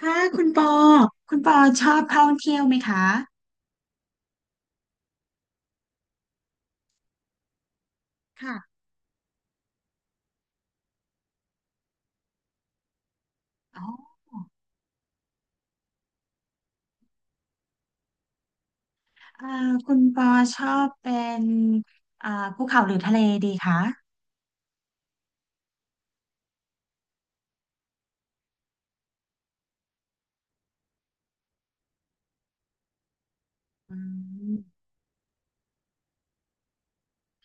ค่ะคุณปอคุณปอชอบท่องเที่ยวไหมคะค่ะอ๋อเอ่อคุณปอชอบเป็นอ่าภูเขาหรือทะเลดีคะอืม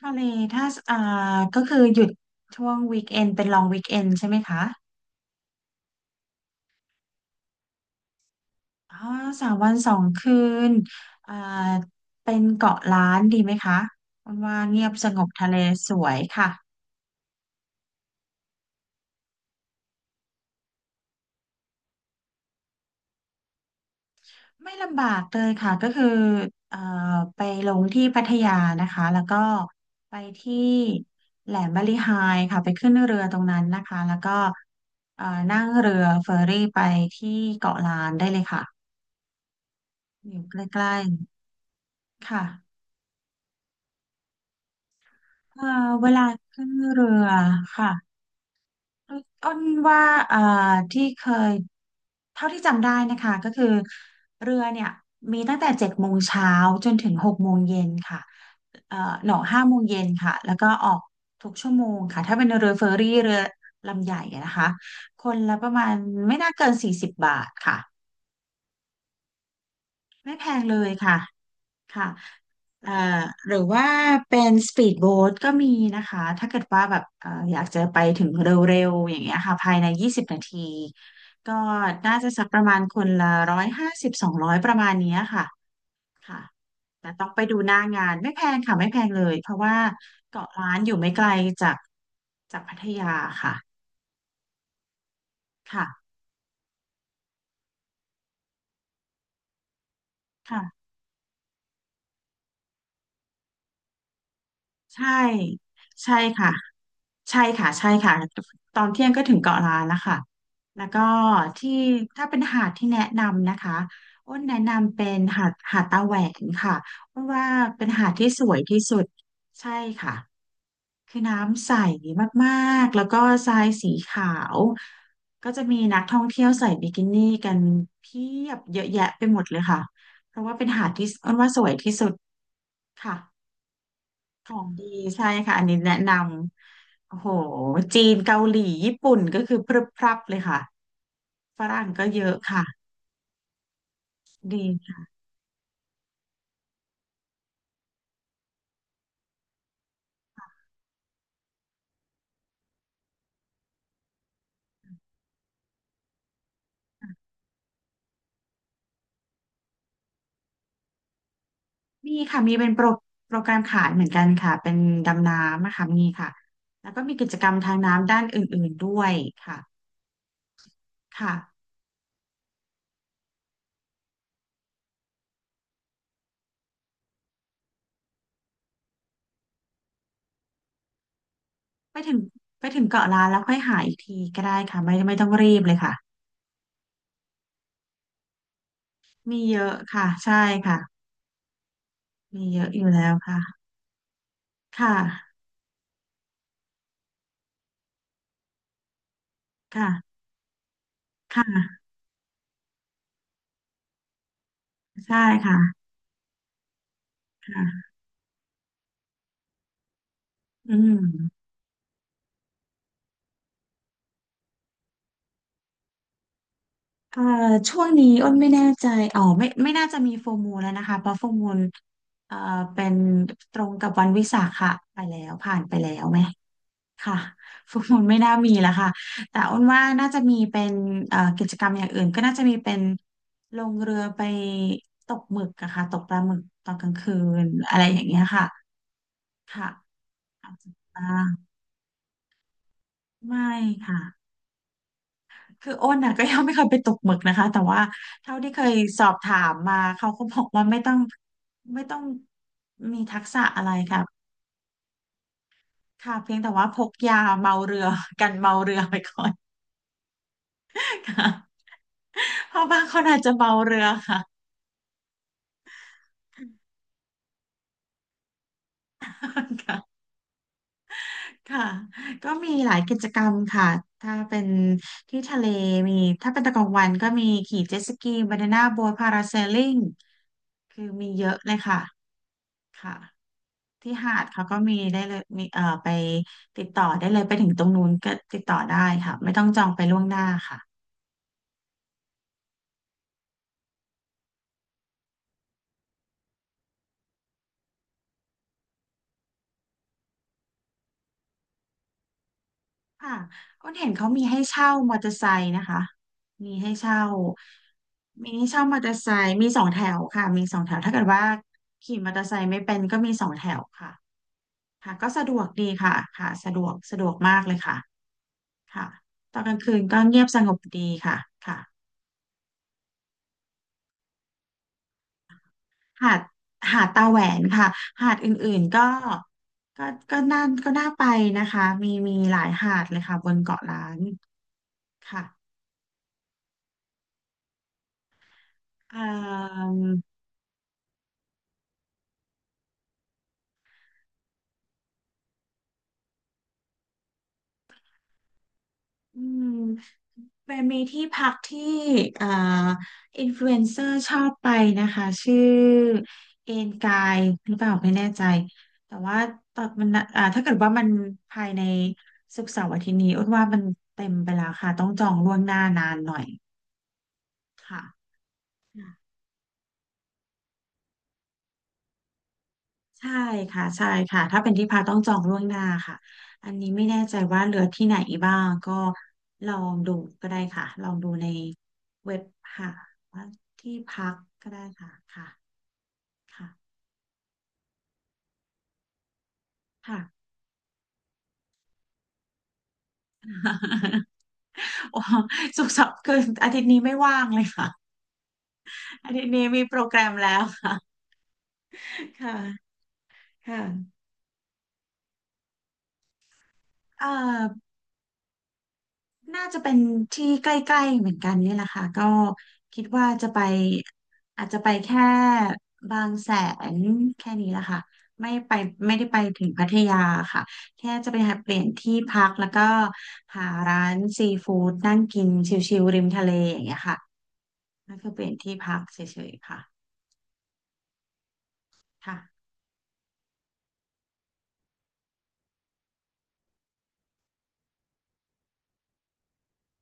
ทะเลถ้าอ่าก็คือหยุดช่วงวีคเอนเป็นลองวีคเอนใช่ไหมคะอ๋อ3 วัน 2 คืนอ่าเป็นเกาะล้านดีไหมคะมันว่าเงียบสงบทะเลสวยค่ะ ไม่ลำบากเลยค่ะก็คือเอ่อไปลงที่พัทยานะคะแล้วก็ไปที่แหลมบาลีไฮค่ะไปขึ้นเรือตรงนั้นนะคะแล้วก็เอ่อนั่งเรือเฟอร์รี่ไปที่เกาะล้านได้เลยค่ะอยู่ใกล้ๆค่ะเอ่อเวลาขึ้นเรือค่ะ อ้นว่าเอ่อที่เคยเท่าที่จำได้นะคะก็คือเรือเนี่ยมีตั้งแต่7 โมงเช้าจนถึง6 โมงเย็นค่ะเอ่อหนอ5 โมงเย็นค่ะแล้วก็ออกทุกชั่วโมงค่ะถ้าเป็นเรือเฟอร์รี่เรือลำใหญ่อะนะคะคนละประมาณไม่น่าเกิน40 บาทค่ะไม่แพงเลยค่ะ ค่ะเอ่อหรือว่าเป็นสปีดโบ๊ทก็มีนะคะ ถ้าเกิดว่าแบบอยากจะไปถึงเร็วๆอย่างเงี้ยค่ะภายใน20 นาทีก็น่าจะสักประมาณคนละ150200ประมาณเนี้ยค่ะค่ะ แต่ต้องไปดูหน้างานไม่แพงค่ะไม่แพงเลยเพราะว่าเกาะล้านอยู่ไม่ไกลจากจากพัทยาค่ะ ค่ะ ค่ะ ใช่ ใช่ค่ะ ใช่ค่ะใช่ค่ะ ตอนเที่ยงก็ถึงเกาะล้านแล้วค่ะแล้วก็ที่ถ้าเป็นหาดที่แนะนำนะคะอ้นแนะนำเป็นหาดตาแหวนค่ะเพราะว่าเป็นหาดที่สวยที่สุดใช่ค่ะคือน้ำใสมากๆแล้วก็ทรายสีขาว ก็จะมีนักท่องเที่ยวใส่บิกินี่กันเพียบเยอะแยะไปหมดเลยค่ะค่ะของดีใช่ค่ะอันนี้แนะนำโอ้โหจีนเกาหลีญี่ปุ่นก็คือพรึบพรับเลยค่ะ ฝรั่งก็เยอะค่ะดีค่ะมีค่ะมีเป็นโปรแกรมขายเหมือนกันค่ะเป็นดำน้ำนะค่ะมีค่ะแล้วก็มีกิจกรรมทางน้ำด้านอื่นๆด้วยค่ะค่ะไปถึงไปถึงเกาะล้านแล้วค่อยหาอีกทีก็ได้ค่ะไม่ต้องรีบเลยค่ะมีเยอะค่ะใช่ค่ะมีเยอะอยู่แล้วค่ะค่ะค่ะค่ะใช่ค่ะค่ะอืม เอ่อช่วงนี้อ้นไม่แน่ใจอ๋อไม่ไม่น่าจะมีโฟมูลแล้วนะคะเพราะโฟมูลเอ่อเป็นตรงกับวันวิสาขะไปแล้วผ่านไปแล้วไหมค่ะ โฟมูลไม่น่ามีแล้วค่ะแต่อ้นว่าน่าจะมีเป็นกิจกรรมอย่างอื่นก็น่าจะมีเป็นลงเรือไปตกหมึกอะค่ะตกปลาหมึกตอนกลางคืนอะไรอย่างเงี้ยค่ะค่ะอาจจะบ้างไม่ค่ะ คืออ้นน่ะก็ยังไม่เคยไปตกหมึกนะคะแต่ว่าเท่าที่เคยสอบถามมาเขาก็บอกว่าไม่ต้องไม่ต้องมีทักษะอะไรค่ะค่ะเพียงแต่ว่าพกยาเมาเรือกันเมาเรือไปก่อนค่ะเพราะบางคนอาจจะเมาเรือค่ะค่ะค่ะก็มีหลายกิจกรรมค่ะถ้าเป็นที่ทะเลมีถ้าเป็นตะกลางวันก็มีขี่เจ็ตสกีบานาน่าโบ๊ทพาราเซลลิงคือมีเยอะเลยค่ะค่ะ ที่หาดเขาก็มีได้เลยมีไปติดต่อได้เลยไปถึงตรงนู้นก็ติดต่อได้ค่ะไม่ต้องจองไปล่วงหน้าค่ะค่ะอ้นเห็นเขามีให้เช่ามอเตอร์ไซค์นะคะมีให้เช่ามีให้เช่ามอเตอร์ไซค์มีสองแถวค่ะมีสองแถวถ้าเกิดว่าขี่มอเตอร์ไซค์ไม่เป็นก็มีสองแถวค่ะค่ะก็สะดวกดีค่ะค่ะสะดวกสะดวกมากเลยค่ะค่ะตอนกลางคืนก็เงียบสงบดีค่ะค่ะ หาดหาดตาแหวนค่ะหาดอื่นๆก็ก็น่าไปนะคะมีมีหลายหาดเลยค่ะบนเกาะล้านค่ะเอ่มอืมเป็นมีที่พักที่เอ่ออินฟลูเอนเซอร์ชอบไปนะคะชื่อเอนกายหรือเปล่าไม่แน่ใจแต่ว่าตอนมันถ้าเกิดว่ามันภายในศุกร์เสาร์อาทิตย์นี้อ้นว่ามันเต็มไปแล้วค่ะต้องจองล่วงหน้านานหน่อยค่ะ ใช่ค่ะใช่ค่ะถ้าเป็นที่พักต้องจองล่วงหน้าค่ะอันนี้ไม่แน่ใจว่าเหลือที่ไหนบ้างก็ลองดูก็ได้ค่ะลองดูในเว็บหาว่าที่พักก็ได้ค่ะค่ะค่ะ ค่ะ โอ้สุกร์เสาร์คืออาทิตย์นี้ไม่ว่างเลยค่ะอาทิตย์นี้มีโปรแกรมแล้วค่ะค่ะค่ะเอ่อ น่าจะเป็นที่ใกล้ๆเหมือนกันนี่แหละค่ะก็คิดว่าจะไปอาจจะไปแค่บางแสนแค่นี้แหละค่ะไม่ไปไม่ได้ไปถึงพัทยาค่ะแค่จะไปหาเปลี่ยนที่พักแล้วก็หาร้านซีฟู้ดนั่งกินชิลๆริมทะเลอย่างเงี้ยค่ะนั่นคือเปลี่ยนที่พักเฉยๆค่ะค่ะ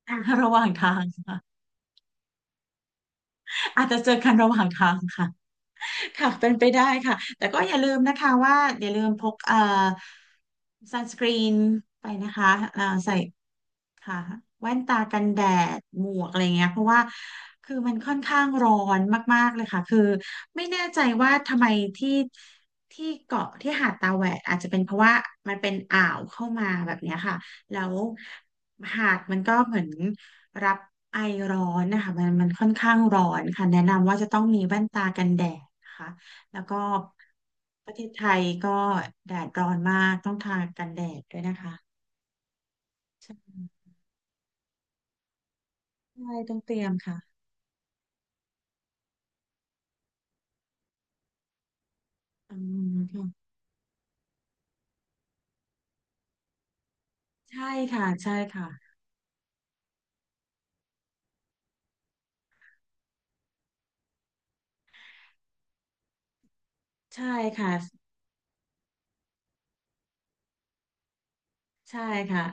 ระหว่างทางค่ะอาจจะเจอกันระหว่างทางค่ะ ค่ะเป็นไปได้ค่ะ แต่ก็อย่าลืมนะคะว่าอย่าลืมพกซันสกรีนไปนะคะใส่ ค่ะแว่นตากันแดดหมวกอะไรเงี้ยเพราะว่าคือมันค่อนข้างร้อนมากๆเลยค่ะคือไม่แน่ใจว่าทำไมที่ที่เกาะที่หาดตาแหวดอาจจะเป็นเพราะว่ามันเป็นอ่าวเข้ามาแบบเนี้ยค่ะแล้วหาดมันก็เหมือนรับไอร้อนนะคะมันค่อนข้างร้อนค่ะแนะนำว่าจะต้องมีแว่นตากันแดดนะคะแล้วก็ประเทศไทยก็แดดร้อนมากต้องทากันแดดด้วยนะคะใช่ต้องเตรียมค่ะ อืมค่ะใช่ค่ะใช่ค่ะใช่ค่ะใช่ค่ะ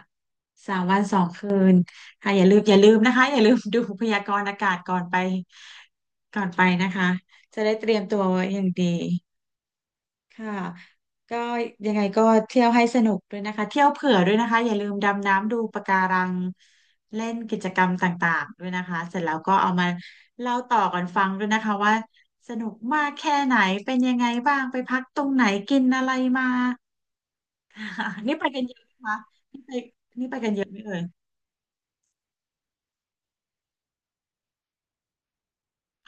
3 วัน 2 คืนค่ะอย่าลืมนะคะอย่าลืมดูพยากรณ์อากาศก่อนไปก่อนไปนะคะจะได้เตรียมตัวอย่างดี ค่ะก็ยังไงก็เที่ยวให้สนุกด้วยนะคะเที่ยวเผื่อด้วยนะคะอย่าลืมดำน้ำดูปะการังเล่นกิจกรรมต่างๆด้วยนะคะเสร็จแล้วก็เอามาเล่าต่อกันฟังด้วยนะคะว่าสนุกมากแค่ไหนเป็นยังไงบ้างไปพักตรงไหนกินอะไรมา ค่ะนี่ไปกันเยอะไหมคะนี่ไปนี่ไปกันเยอะไหมเอ่ย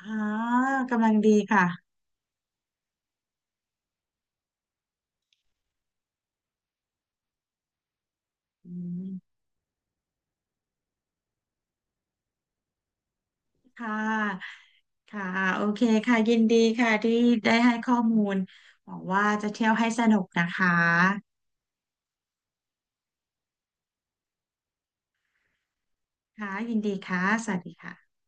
อ๋อกำลังดีค่ะอืม ค่ะ ค่ะ โอเคค่ะ ยินดีค่ะ ที่ได้ให้ข้อมูลหวังว่าจะเที่ยวให้สนุกนะคะ ค่ะ ยินดีค่ะ สวัสดีค่ะ